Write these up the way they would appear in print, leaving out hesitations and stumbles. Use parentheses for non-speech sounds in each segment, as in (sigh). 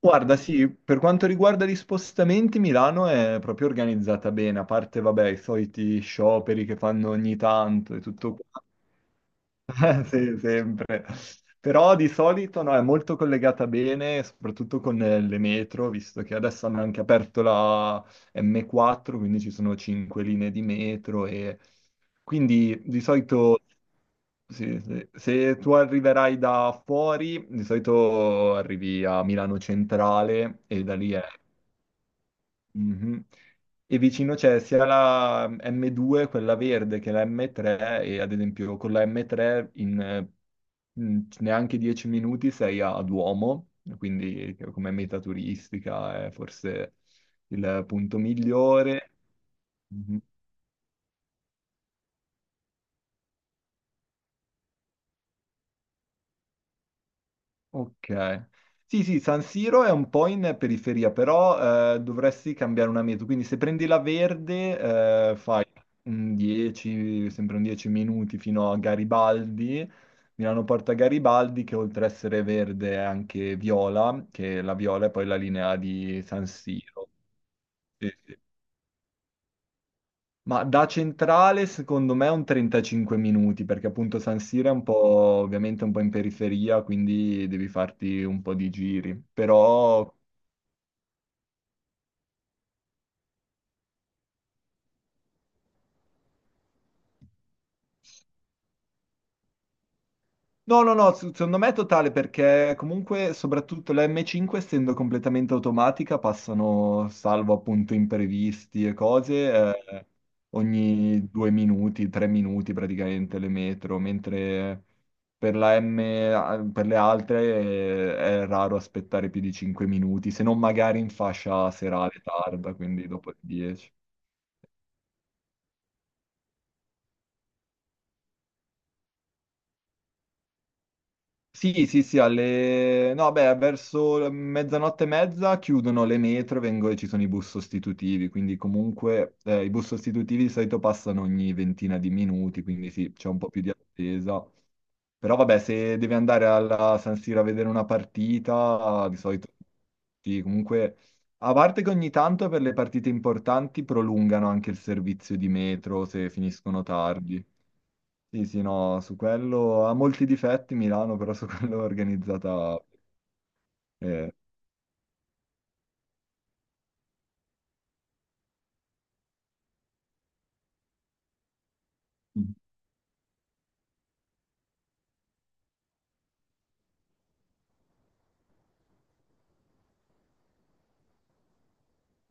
Guarda, sì, per quanto riguarda gli spostamenti, Milano è proprio organizzata bene, a parte, vabbè, i soliti scioperi che fanno ogni tanto e tutto qua. (laughs) Sì, sempre. Però di solito no, è molto collegata bene, soprattutto con le metro, visto che adesso hanno anche aperto la M4, quindi ci sono cinque linee di metro e quindi di solito sì, sì, se tu arriverai da fuori, di solito arrivi a Milano Centrale e da lì è... Mhm. E vicino c'è sia la M2, quella verde, che la M3 e ad esempio con la M3 in neanche 10 minuti sei a Duomo, quindi come meta turistica è forse il punto migliore. Mhm. Ok. Sì, sì, San Siro è un po' in periferia, però dovresti cambiare una meta. Quindi se prendi la verde, fai un 10, sempre un 10 minuti fino a Garibaldi Milano Porta Garibaldi, che oltre a essere verde è anche viola, che la viola è poi la linea di San Siro. Sì, sì. Ma da centrale secondo me è un 35 minuti, perché appunto San Siro è un po', ovviamente un po' in periferia, quindi devi farti un po' di giri. Però... No, no, no, secondo me è totale perché comunque soprattutto la M5 essendo completamente automatica passano, salvo appunto imprevisti e cose, ogni 2 minuti, 3 minuti praticamente le metro, mentre per le altre è raro aspettare più di 5 minuti, se non magari in fascia serale tarda, quindi dopo le 10. Sì, sì, sì, no, beh, verso mezzanotte e mezza chiudono le metro e ci sono i bus sostitutivi, quindi comunque i bus sostitutivi di solito passano ogni ventina di minuti, quindi sì, c'è un po' più di attesa. Però vabbè, se devi andare alla San Siro a vedere una partita, di solito sì, comunque... A parte che ogni tanto per le partite importanti prolungano anche il servizio di metro se finiscono tardi. Sì, sì, no, su quello ha molti difetti Milano, però su quello è organizzata... eh, mm.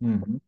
Mhm.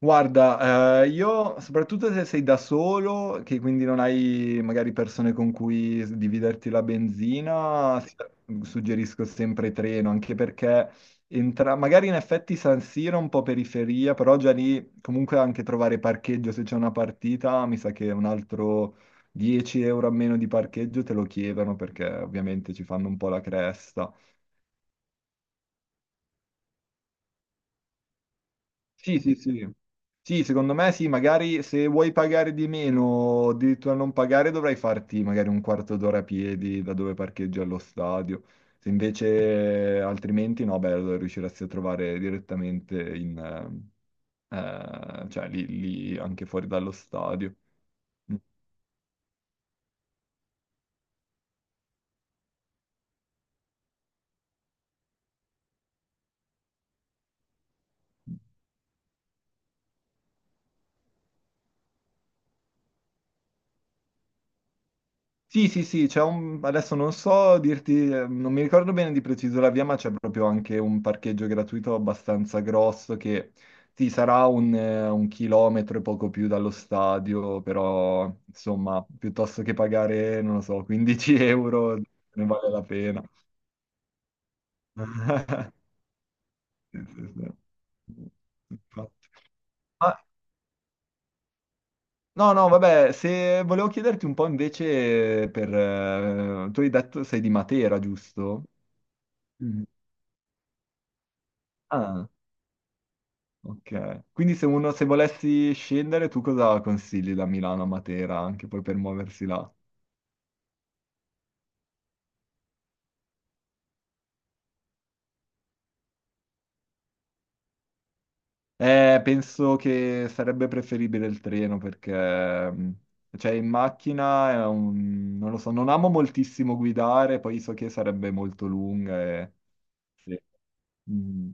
Guarda, io soprattutto se sei da solo, che quindi non hai magari persone con cui dividerti la benzina, suggerisco sempre treno, anche perché magari in effetti San Siro è un po' periferia, però già lì comunque anche trovare parcheggio se c'è una partita, mi sa che un altro 10 euro a meno di parcheggio te lo chiedono perché ovviamente ci fanno un po' la cresta. Sì, sì, sì. Sì, secondo me sì, magari se vuoi pagare di meno, o addirittura non pagare, dovrai farti magari un quarto d'ora a piedi da dove parcheggi allo stadio. Se invece altrimenti no, beh, allora riusciresti a trovare direttamente eh, cioè, lì anche fuori dallo stadio. Mm. Mm. Sì, sì, sì, adesso non so dirti, non mi ricordo bene di preciso la via, ma c'è proprio anche un parcheggio gratuito abbastanza grosso che sì, sarà un chilometro e poco più dallo stadio, però insomma, piuttosto che pagare, non lo so, 15 (laughs) euro ne vale la pena. (laughs) Sì, sì, sì. Infatti. Ah, no, no, vabbè, se volevo chiederti un po' invece tu hai detto sei di Matera, giusto? Mm. Ah. Ok. Quindi se volessi scendere, tu cosa consigli da Milano a Matera, anche poi per muoversi là? Penso che sarebbe preferibile il treno perché, mh, cioè, in macchina non lo so, non amo moltissimo guidare, poi so che sarebbe molto lunga e... Sì. Mm.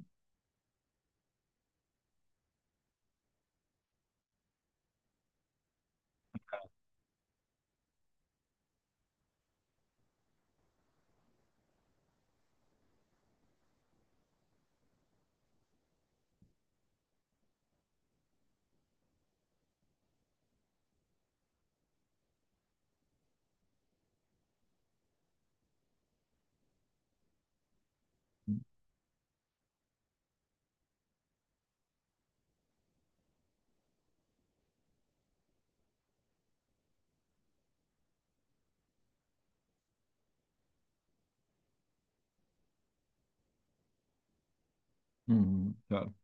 Mm, certo.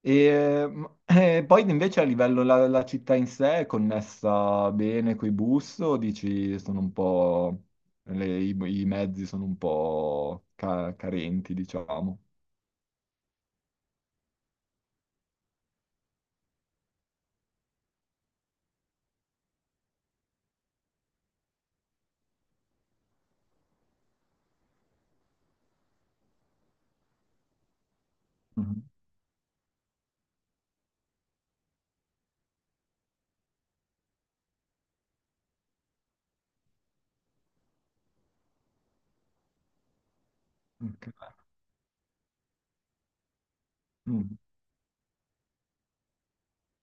E, (clears throat) poi invece a livello la città in sé è connessa bene coi bus o dici sono un po' i mezzi sono un po' carenti, diciamo. Mhm. Ok. Mm.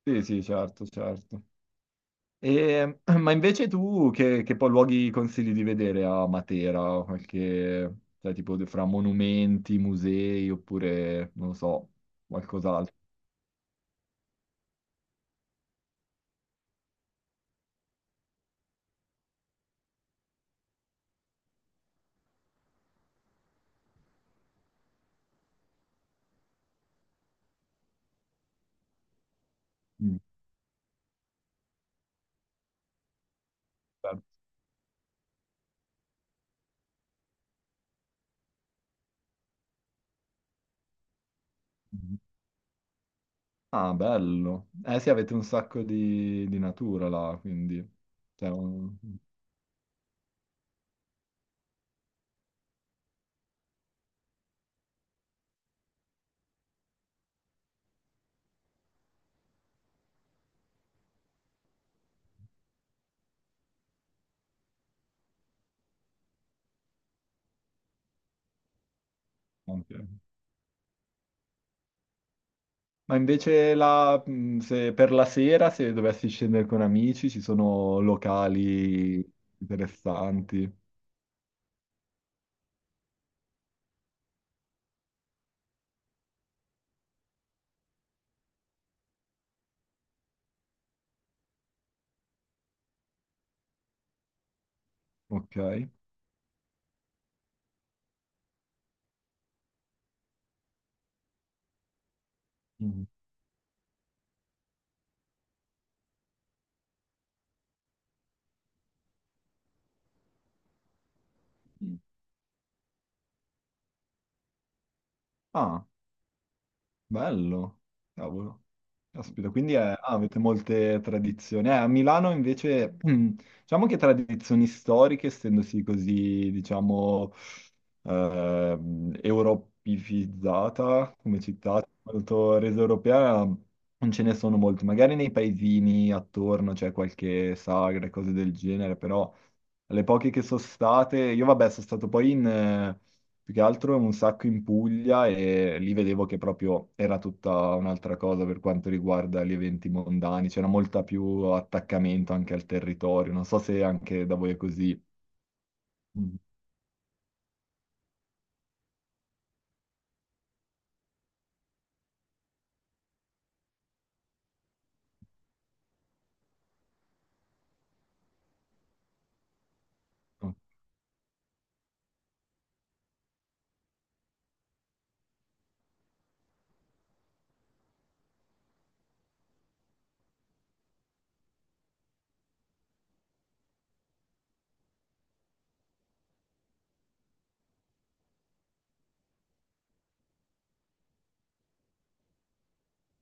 Sì, sì, certo, certo. E, (clears throat) ma invece tu che poi luoghi consigli di vedere a Matera? Cioè, tipo fra monumenti, musei oppure, non lo so, qualcos'altro. Mm. Certo. Ah, bello. Eh sì, avete un sacco di natura là, quindi... cioè, un- anche- Ma invece se per la sera, se dovessi scendere con amici, ci sono locali interessanti, ok? Mm. Ah. Bello, cavolo. Caspita, quindi ah, avete molte tradizioni. A Milano invece, (clears throat) diciamo che tradizioni storiche, essendosi così, diciamo, europeizzata come città, molto resa europea, non ce ne sono molte. Magari nei paesini attorno c'è qualche sagra e cose del genere, però le poche che sono state, io vabbè sono stato poi più che altro un sacco in Puglia e lì vedevo che proprio era tutta un'altra cosa per quanto riguarda gli eventi mondani, c'era molta più attaccamento anche al territorio, non so se anche da voi è così. Mm.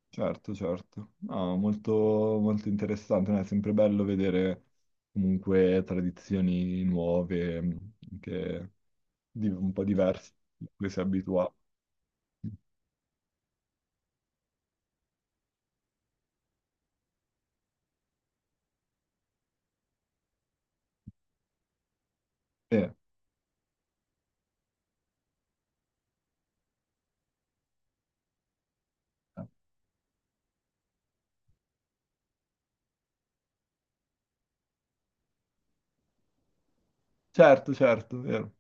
Certo, certo. No, molto, molto interessante, no, è sempre bello vedere comunque tradizioni nuove, che un po' diverse, da cui si è abituati. Eh. Certo, certo, vero.